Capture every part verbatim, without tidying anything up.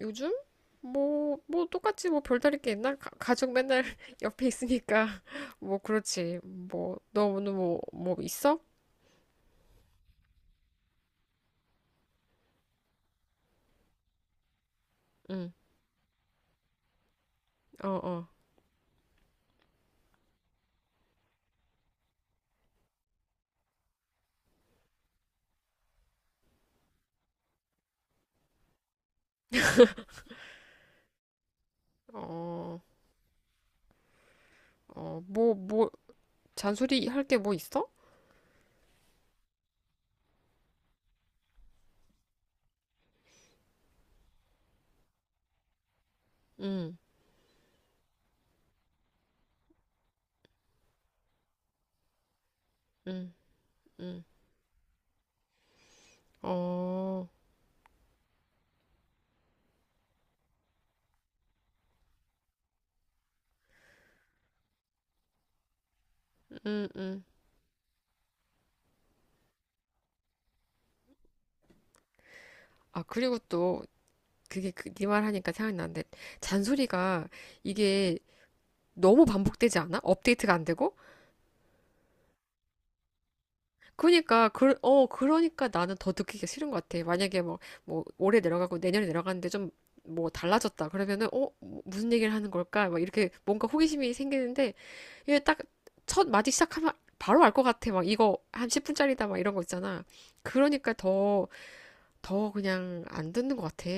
요즘? 뭐, 뭐, 똑같지 뭐 별다를 게 있나? 가, 가족 맨날 옆에 있으니까. 뭐, 그렇지. 뭐, 너 오늘 뭐, 뭐 있어? 응, 어, 어, 어, 어, 뭐, 뭐, 잔소리 할 게 뭐 있어? 응, 응, 응, 어, 응, 응. 아, 그리고 또, 그게 그, 네 말 하니까 생각나는데, 잔소리가 이게 너무 반복되지 않아? 업데이트가 안 되고? 그러니까 그, 어 그러니까 나는 더 느끼기가 싫은 것 같아. 만약에 뭐 뭐 올해 내려가고 내년에 내려가는데 좀 뭐 달라졌다 그러면은 어 뭐, 무슨 얘기를 하는 걸까? 막 이렇게 뭔가 호기심이 생기는데 이게 딱 첫 마디 시작하면 바로 알 것 같아. 막 이거 한 십 분짜리다 막 이런 거 있잖아. 그러니까 더 더 그냥 안 듣는 것 같아.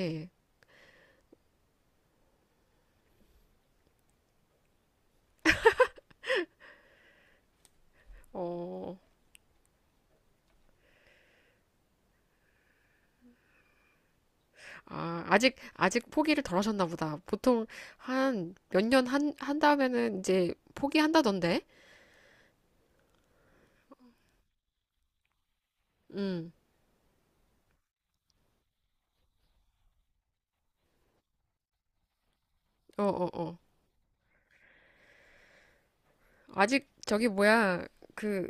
어, 아, 아직, 아직 포기를 덜 하셨나 보다. 보통 한 몇 년 한, 한 다음에는 이제 포기한다던데? 음, 어, 어, 어. 아직 저기 뭐야 그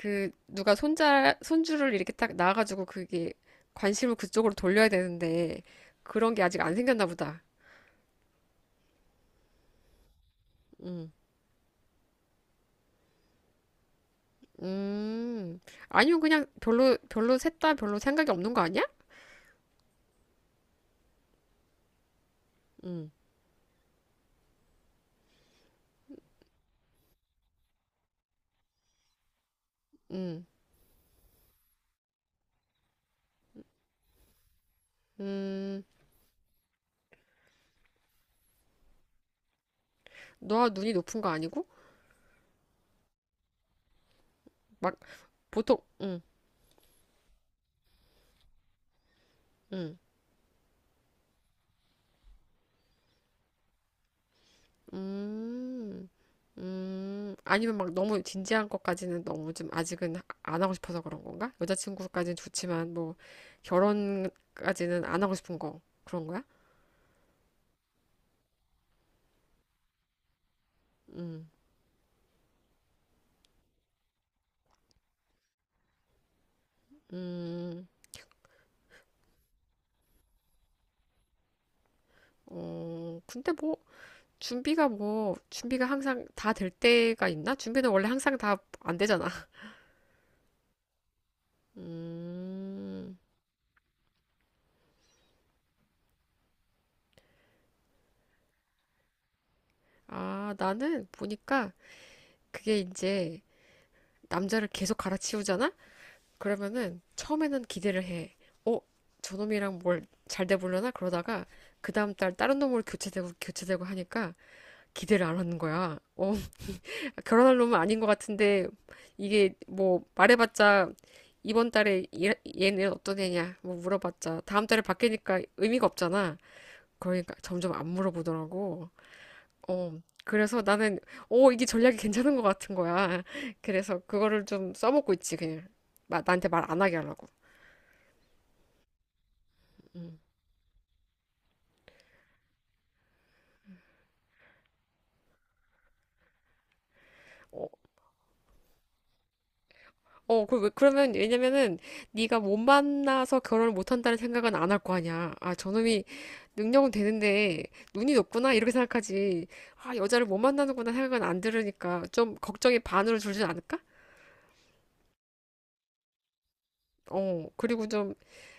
그 누가 손자 손주를 이렇게 딱 낳아가지고 그게 관심을 그쪽으로 돌려야 되는데 그런 게 아직 안 생겼나 보다. 음, 음. 아니면 그냥 별로 별로 셋 다 별로 생각이 없는 거 아니야? 음, 음, 음. 너와 눈이 높은 거 아니고 막 보통 음, 음. 음, 음, 아니면 막 너무 진지한 것까지는 너무 좀 아직은 하- 안 하고 싶어서 그런 건가? 여자친구까지는 좋지만 뭐 결혼까지는 안 하고 싶은 거 그런 거야? 음, 음, 어, 근데 뭐 준비가 뭐 준비가 항상 다 될 때가 있나? 준비는 원래 항상 다 안 되잖아. 음, 아, 나는 보니까 그게 이제 남자를 계속 갈아치우잖아? 그러면은 처음에는 기대를 해. 어, 저놈이랑 뭘 잘 돼보려나 그러다가 그 다음 달 다른 놈으로 교체되고 교체되고 하니까 기대를 안 하는 거야. 어, 결혼할 놈은 아닌 것 같은데 이게 뭐 말해봤자 이번 달에 얘- 얘는 어떤 애냐 뭐 물어봤자 다음 달에 바뀌니까 의미가 없잖아. 그러니까 점점 안 물어보더라고. 어, 그래서 나는 어, 이게 전략이 괜찮은 것 같은 거야. 그래서 그거를 좀 써먹고 있지 그냥. 마- 나한테 말 안 하게 하려고. 음. 어, 어, 그, 왜- 그러면, 왜냐면은, 네가 못 만나서 결혼을 못 한다는 생각은 안 할 거 아니야. 아, 저놈이 능력은 되는데, 눈이 높구나, 이렇게 생각하지. 아, 여자를 못 만나는구나 생각은 안 들으니까, 좀 걱정이 반으로 줄지 않을까? 어, 그리고 좀,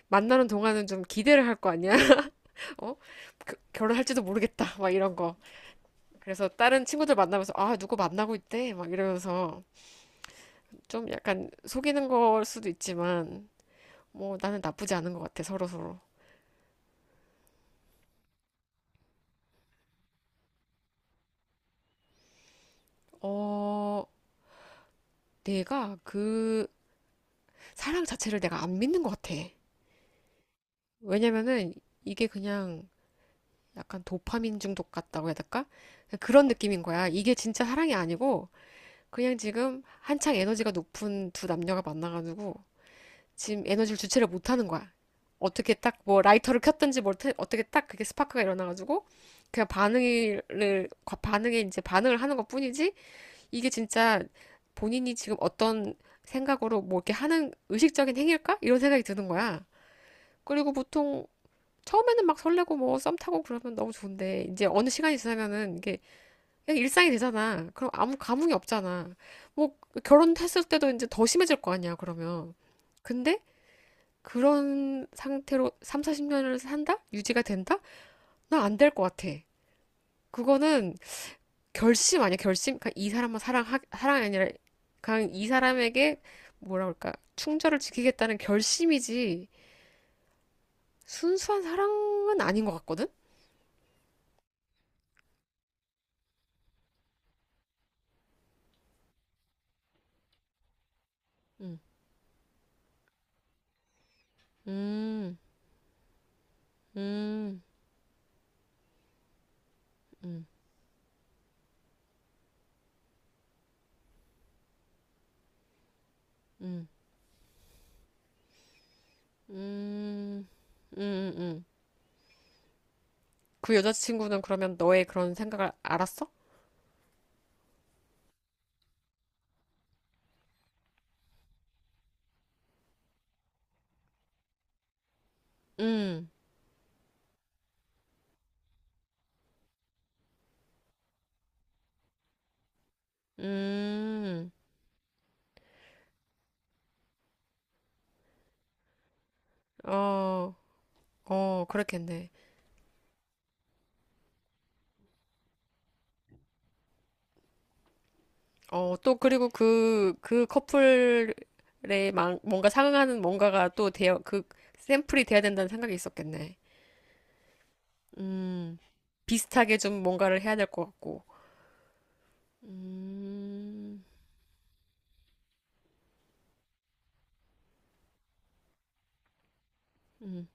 만나는 동안은 좀 기대를 할 거 아니야? 어? 그- 결혼할지도 모르겠다, 막 이런 거. 그래서 다른 친구들 만나면서, 아, 누구 만나고 있대? 막 이러면서, 좀 약간 속이는 걸 수도 있지만, 뭐, 나는 나쁘지 않은 것 같아, 서로서로. 어, 내가 그 사랑 자체를 내가 안 믿는 것 같아. 왜냐면은 이게 그냥 약간 도파민 중독 같다고 해야 될까? 그런 느낌인 거야. 이게 진짜 사랑이 아니고 그냥 지금 한창 에너지가 높은 두 남녀가 만나가지고 지금 에너지를 주체를 못하는 거야. 어떻게 딱 뭐 라이터를 켰든지 뭘 태- 어떻게 딱 그게 스파크가 일어나가지고 그냥 반응을 반응에 이제 반응을 하는 것뿐이지 이게 진짜 본인이 지금 어떤 생각으로 뭐 이렇게 하는 의식적인 행위일까? 이런 생각이 드는 거야. 그리고 보통 처음에는 막 설레고 뭐 썸 타고 그러면 너무 좋은데 이제 어느 시간이 지나면은 이게 그냥 일상이 되잖아. 그럼 아무 감흥이 없잖아. 뭐 결혼했을 때도 이제 더 심해질 거 아니야, 그러면. 근데 그런 상태로 삼, 사십 년을 산다? 유지가 된다? 나 안 될 것 같아. 그거는 결심 아니야 결심 그이 사람만 사랑하 사랑이 아니라 그냥 이 사람에게 뭐라 그럴까 충절을 지키겠다는 결심이지 순수한 사랑은 아닌 것 같거든 음, 음, 음, 음, 음, 음, 음, 음. 그 여자친구는 그러면 너의 그런 생각을 알았어? 응. 음, 음, 어, 어, 그렇겠네. 어, 또 그리고 그, 그 커플에 망- 뭔가 상응하는 뭔가가 또 되어, 그 샘플이 돼야 된다는 생각이 있었겠네. 음, 비슷하게 좀 뭔가를 해야 될 것 같고. 음, 음,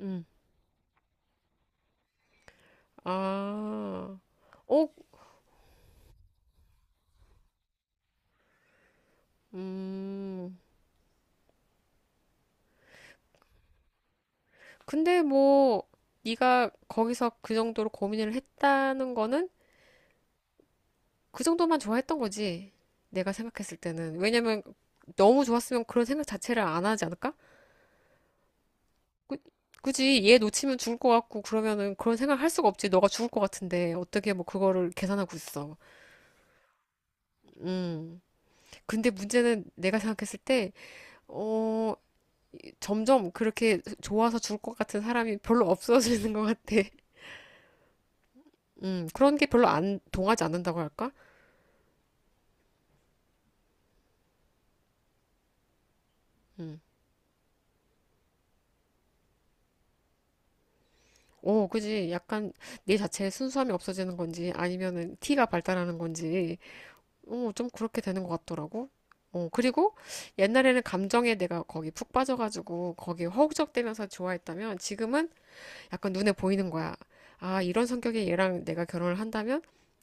음. 아, 어, 음. 근데 뭐, 네가 거기서 그 정도로 고민을 했다는 거는 그 정도만 좋아했던 거지. 내가 생각했을 때는. 왜냐면 너무 좋았으면 그런 생각 자체를 안 하지 않을까? 그- 굳이 얘 놓치면 죽을 것 같고 그러면은 그런 생각 할 수가 없지. 너가 죽을 것 같은데 어떻게 뭐 그거를 계산하고 있어. 음. 근데 문제는 내가 생각했을 때, 어, 점점 그렇게 좋아서 죽을 것 같은 사람이 별로 없어지는 것 같아. 음. 그런 게 별로 안 동하지 않는다고 할까? 음. 오, 그지. 약간 내 자체의 순수함이 없어지는 건지 아니면은 티가 발달하는 건지 어, 좀 그렇게 되는 것 같더라고. 어, 그리고 옛날에는 감정에 내가 거기 푹 빠져가지고 거기 허우적대면서 좋아했다면 지금은 약간 눈에 보이는 거야. 아, 이런 성격의 얘랑 내가 결혼을 한다면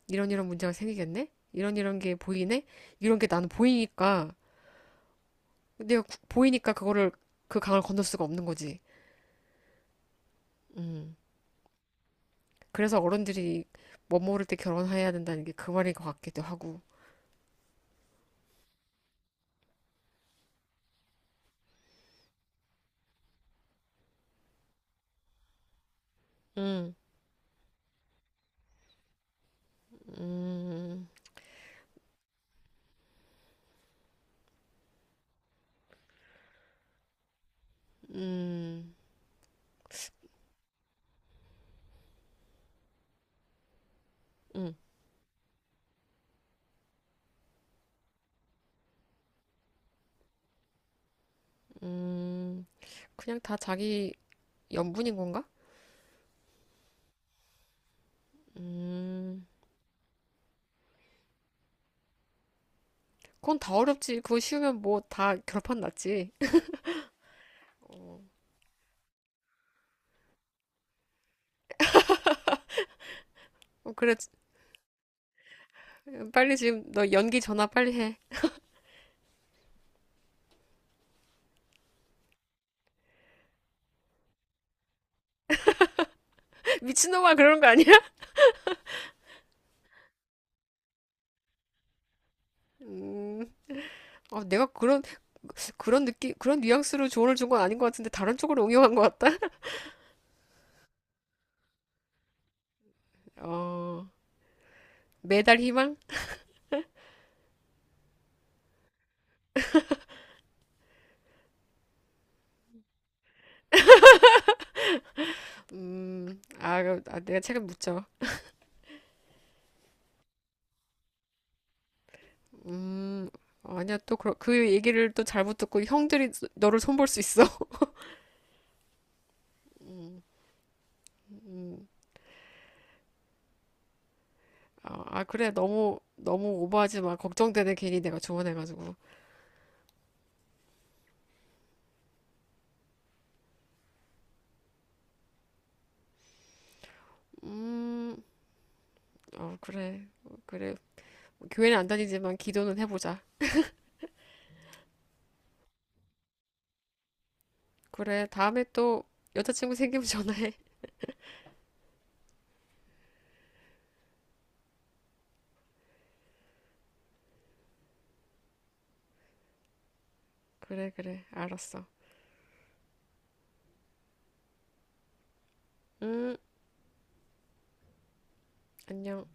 이런 이런 문제가 생기겠네? 이런 이런 게 보이네? 이런 게 나는 보이니까 내가 구- 보이니까 그거를 그 강을 건널 수가 없는 거지. 음. 그래서 어른들이 멋 모를 때 결혼해야 된다는 게 그 말인 것 같기도 하고. 음, 음, 음, 음, 음. 그냥 다 자기 연분인 건가? 음, 그건 다 어렵지. 그거 쉬우면 뭐 다 결판 났지. 어, 어, 그래. 빨리 지금 너 연기 전화 빨리 해. 미친놈아, 그런 거 아니야? 음, 어, 내가 그런, 그런 느낌, 그런 뉘앙스로 조언을 준 건 아닌 것 같은데 다른 쪽으로 응용한 것 같다? 어, 매달 희망? 음, 아, 아, 내가 책임 묻죠. 음, 아니야, 또 그, 그 얘기를 또 잘 못 듣고 형들이 너를 손볼 수 있어. 아, 아, 그래. 너무, 너무 오버하지 마. 걱정되네. 괜히 내가 조언해가지고. 음, 어, 그래. 어, 그래. 교회는 안 다니지만 기도는 해보자. 그래. 다음에 또 여자친구 생기면 전화해. 그래, 그래. 알았어. 음, 안녕.